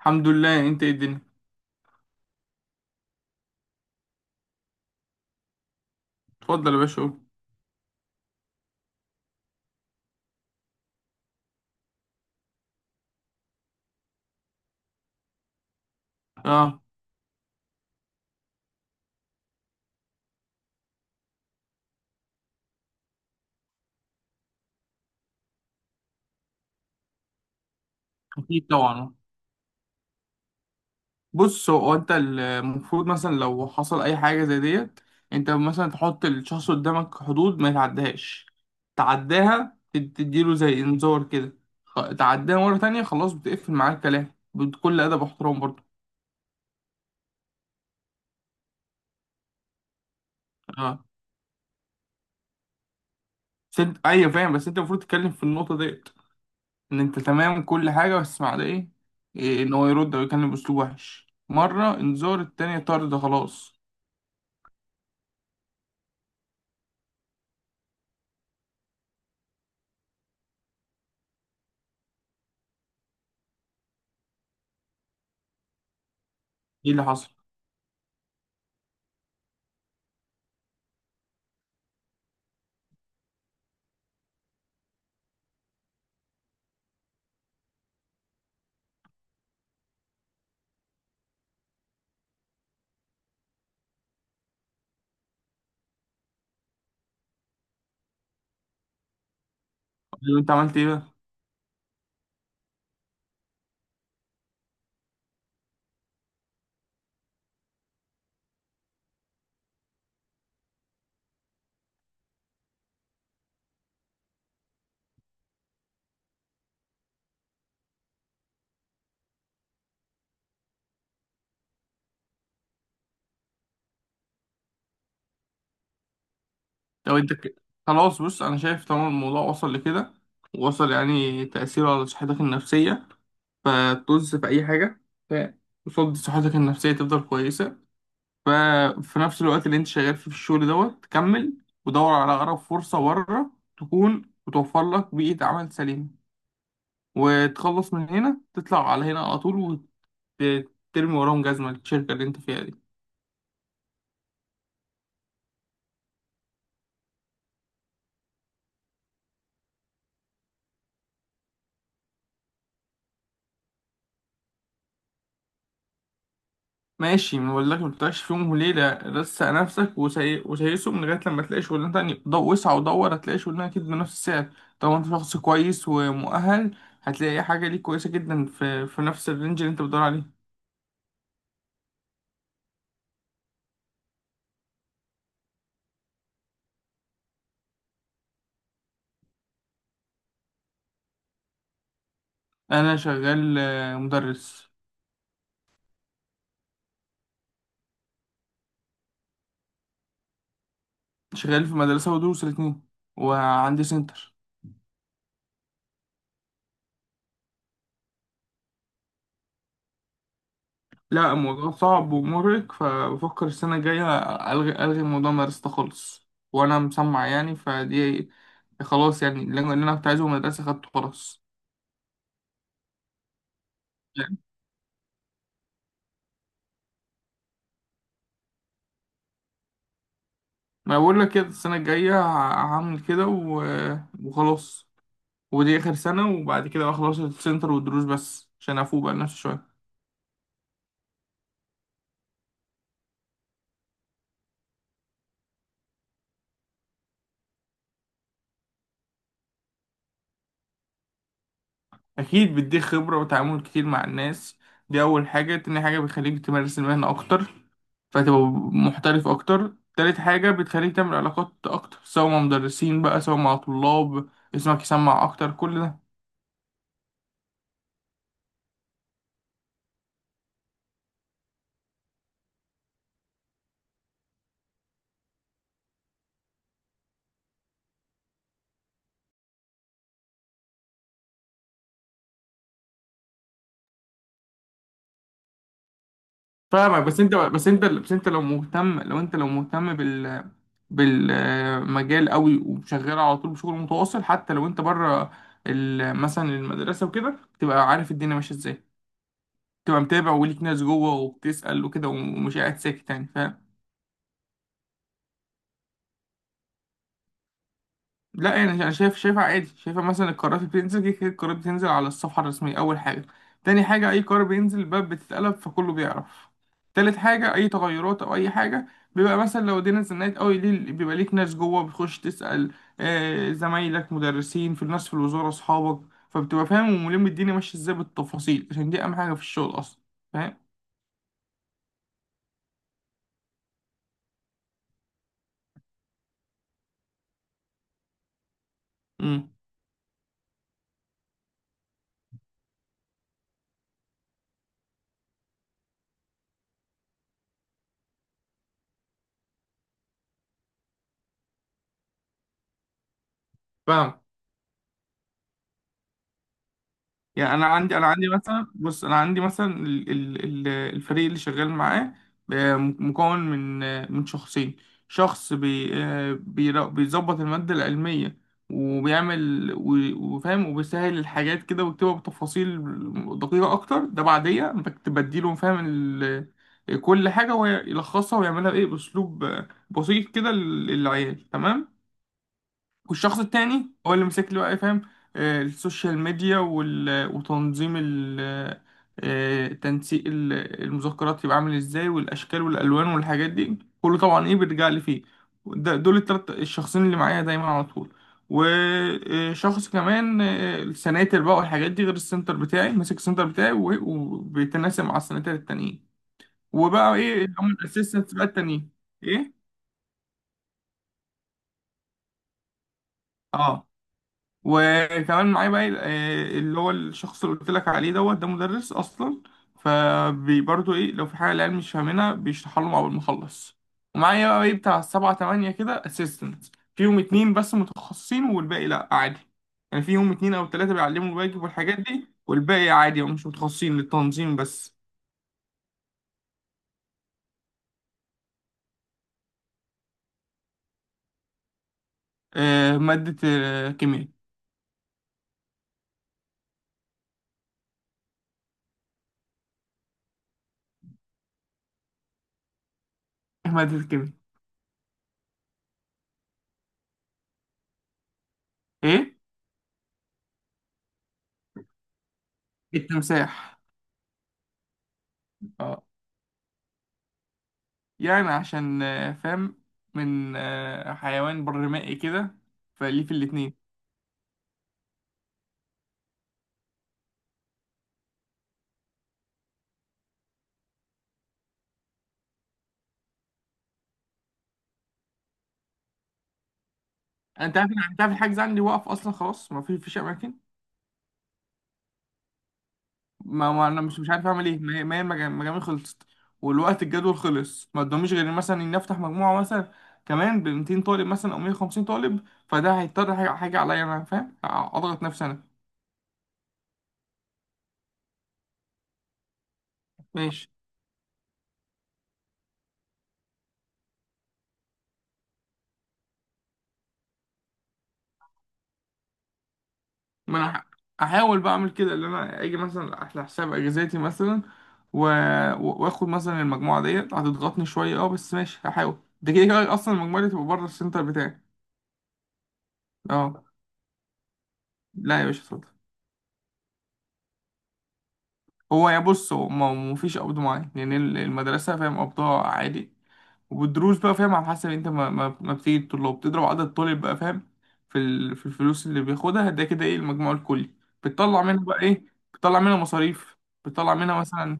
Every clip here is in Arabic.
الحمد لله، انت ايه الدنيا؟ اتفضل يا باشا، قول. اه، اكيد طبعا. بص، هو انت المفروض مثلا لو حصل اي حاجه زي ديت، انت مثلا تحط الشخص قدامك حدود ما يتعداش. تعداها تديله زي انذار كده، تعداها مره تانية، خلاص بتقفل معاه الكلام بكل ادب واحترام برضه. اه، بس انت ايوه فاهم، بس انت المفروض تتكلم في النقطه ديت، ان انت تمام كل حاجه، بس مع ده ايه. إيه، ان هو يرد او يتكلم باسلوب وحش مره انذار، التانية طرد خلاص. ايه اللي حصل؟ لو انت عملت ايه بقى؟ لو انت ك... خلاص، بص انا شايف طالما الموضوع وصل لكده، وصل يعني تأثيره على صحتك النفسية، فتوز في اي حاجة، فقصاد صحتك النفسية تفضل كويسة. ففي نفس الوقت اللي انت شغال فيه في الشغل دوت، كمل ودور على اقرب فرصة بره تكون وتوفر لك بيئة عمل سليمة، وتخلص من هنا تطلع على هنا على طول، وترمي وراهم جزمة الشركة اللي انت فيها دي. ماشي، ولكن ما تطلعش فيهم وليلة، رسق نفسك وسيسهم لغاية لما تلاقي شغلانة تانية، ضو وسع ودور، هتلاقي شغلانة أكيد بنفس السعر. طبعا أنت شخص كويس ومؤهل، هتلاقي حاجة ليك كويسة جدا في نفس الرينج اللي أنت بتدور عليه. أنا شغال مدرس. شغال في مدرسة ودروس الاتنين، وعندي سنتر. لا، الموضوع صعب ومرهق، فبفكر السنة الجاية ألغي ألغي موضوع مدرسة ده خالص، وأنا مسمع يعني فدي. خلاص، يعني اللي أنا كنت عايزه من المدرسة خدته خلاص. ما بقول لك كده السنة الجاية هعمل كده وخلاص. ودي آخر سنة، وبعد كده أخلص السنتر والدروس بس عشان أفوق بقى لنفسي شوية. أكيد بيديك خبرة وتعامل كتير مع الناس، دي أول حاجة. تاني حاجة بتخليك تمارس المهنة أكتر، فتبقى محترف أكتر. تالت حاجة بتخليك تعمل علاقات أكتر، سواء مع مدرسين بقى سواء مع طلاب، اسمك يسمع أكتر كل ده. فاهمك، بس انت لو انت مهتم بالمجال قوي، وشغال على طول بشغل متواصل، حتى لو انت بره مثلا المدرسه وكده، تبقى عارف الدنيا ماشيه ازاي، تبقى متابع وليك ناس جوه وبتسأل وكده، ومش قاعد ساكت يعني. لا يعني انا شايف، شايفها عادي، شايفها مثلا القرارات اللي بتنزل كده كده، القرارات بتنزل على الصفحه الرسميه اول حاجه. تاني حاجه، اي قرار بينزل الباب بتتقلب، فكله بيعرف. تالت حاجه، اي تغيرات او اي حاجه، بيبقى مثلا لو الدنيا اتزنقت قوي ليه، بيبقى ليك ناس جوه بتخش تسال، زمايلك مدرسين في الناس في الوزاره اصحابك، فبتبقى فاهم وملم الدنيا ماشيه ازاي بالتفاصيل، عشان دي اهم حاجه في الشغل اصلا. فاهم. امم. فاهم. يعني انا عندي مثلا، بص انا عندي مثلا الفريق اللي شغال معاه، مكون من شخصين. شخص بيظبط المادة العلمية، وبيعمل و- وفاهم وبيسهل الحاجات كده، ويكتبها بتفاصيل دقيقة أكتر. ده بعدية أنا بديله فاهم كل حاجة، ويلخصها ويعملها بإيه بأسلوب بسيط كده للعيال، تمام. والشخص التاني هو اللي مسك لي بقى، فاهم السوشيال ميديا وتنظيم ال... آه، تنسيق المذكرات، يبقى عامل ازاي، والاشكال والالوان والحاجات دي كله طبعا ايه بيرجع لي فيه. دول التلات الشخصين اللي معايا دايما على طول. وشخص كمان السناتر بقى والحاجات دي، غير السنتر بتاعي، ماسك السنتر بتاعي و- وبيتناسب مع السناتر التانيين. وبقى ايه اللي هم الاسيستنتس بقى التانيين، ايه، اه. وكمان معايا بقى اللي هو الشخص اللي قلت لك عليه دوت، ده مدرس اصلا، فبرضه ايه لو في حاجه العيال مش فاهمينها بيشرحها لهم اول ما اخلص. ومعايا بقى ايه بتاع سبعة تمانية كده اسيستنت، فيهم اتنين بس متخصصين والباقي لا عادي، يعني فيهم اتنين او تلاته بيعلموا الواجب والحاجات دي، والباقي عادي، هم مش متخصصين، للتنظيم بس. ماده كيمياء إيه ماده الكيمياء. ايه، التمساح. آه. يعني عشان فاهم، من حيوان برمائي كده، فليه في الاتنين. انت عارف الحجز عندي واقف اصلا، خلاص ما في فيش اماكن. ما انا مش عارف اعمل ايه، ما هي المجاميع خلصت، والوقت الجدول خلص، ما قداميش غير مثلا ان افتح مجموعه مثلا كمان ب 200 طالب مثلا او 150 طالب، فده هيضطر حاجة عليا انا فاهم، اضغط نفسي انا. ماشي. ما انا احاول بقى اعمل كده، اللي انا اجي مثلا على حساب اجازاتي مثلا، و... واخد مثلا المجموعه ديت هتضغطني شويه، اه بس ماشي هحاول، ده كده كده اصلا المجموعه دي تبقى بره السنتر بتاعي. اه. لا يا باشا، اتفضل. هو، يا بص، هو ما فيش قبض معين، يعني المدرسه فاهم قبضها عادي، والدروس بقى فاهم، على حسب انت ما بتيجي الطلاب بتضرب عدد الطالب بقى، فاهم في الفلوس اللي بياخدها، ده كده ايه المجموع الكلي، بتطلع منها بقى ايه، بتطلع منها مصاريف، بتطلع منها مثلا.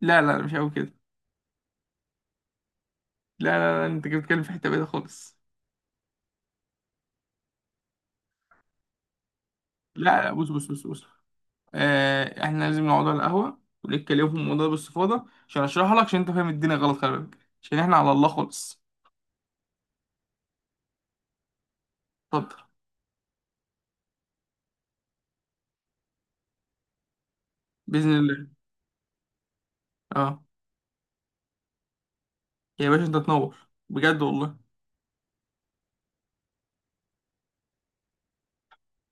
لا، لا، مش قوي كده. لا، لا، لا، انت كده بتتكلم في حته بعيده خالص. لا، لا، بص بص بص بص، احنا لازم نقعد على القهوه ونتكلم في الموضوع ده باستفاضه، عشان اشرحها لك، عشان انت فاهم الدنيا غلط، خلي بالك، عشان احنا على الله خالص. اتفضل. باذن الله. اه يا باشا، انت تنور بجد والله.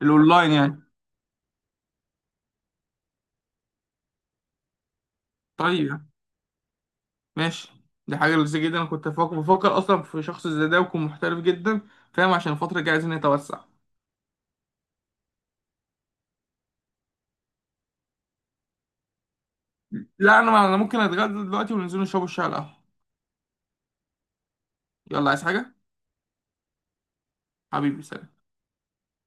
الاونلاين يعني؟ طيب، ماشي، دي حاجه لذيذه جدا، انا كنت بفكر اصلا في شخص زي ده ويكون محترف جدا، فاهم عشان الفتره الجايه عايزين نتوسع. لا انا ممكن اتغدى دلوقتي وننزل نشربوا الشاي على القهوه. يلا، عايز حاجه؟ حبيبي، سلام.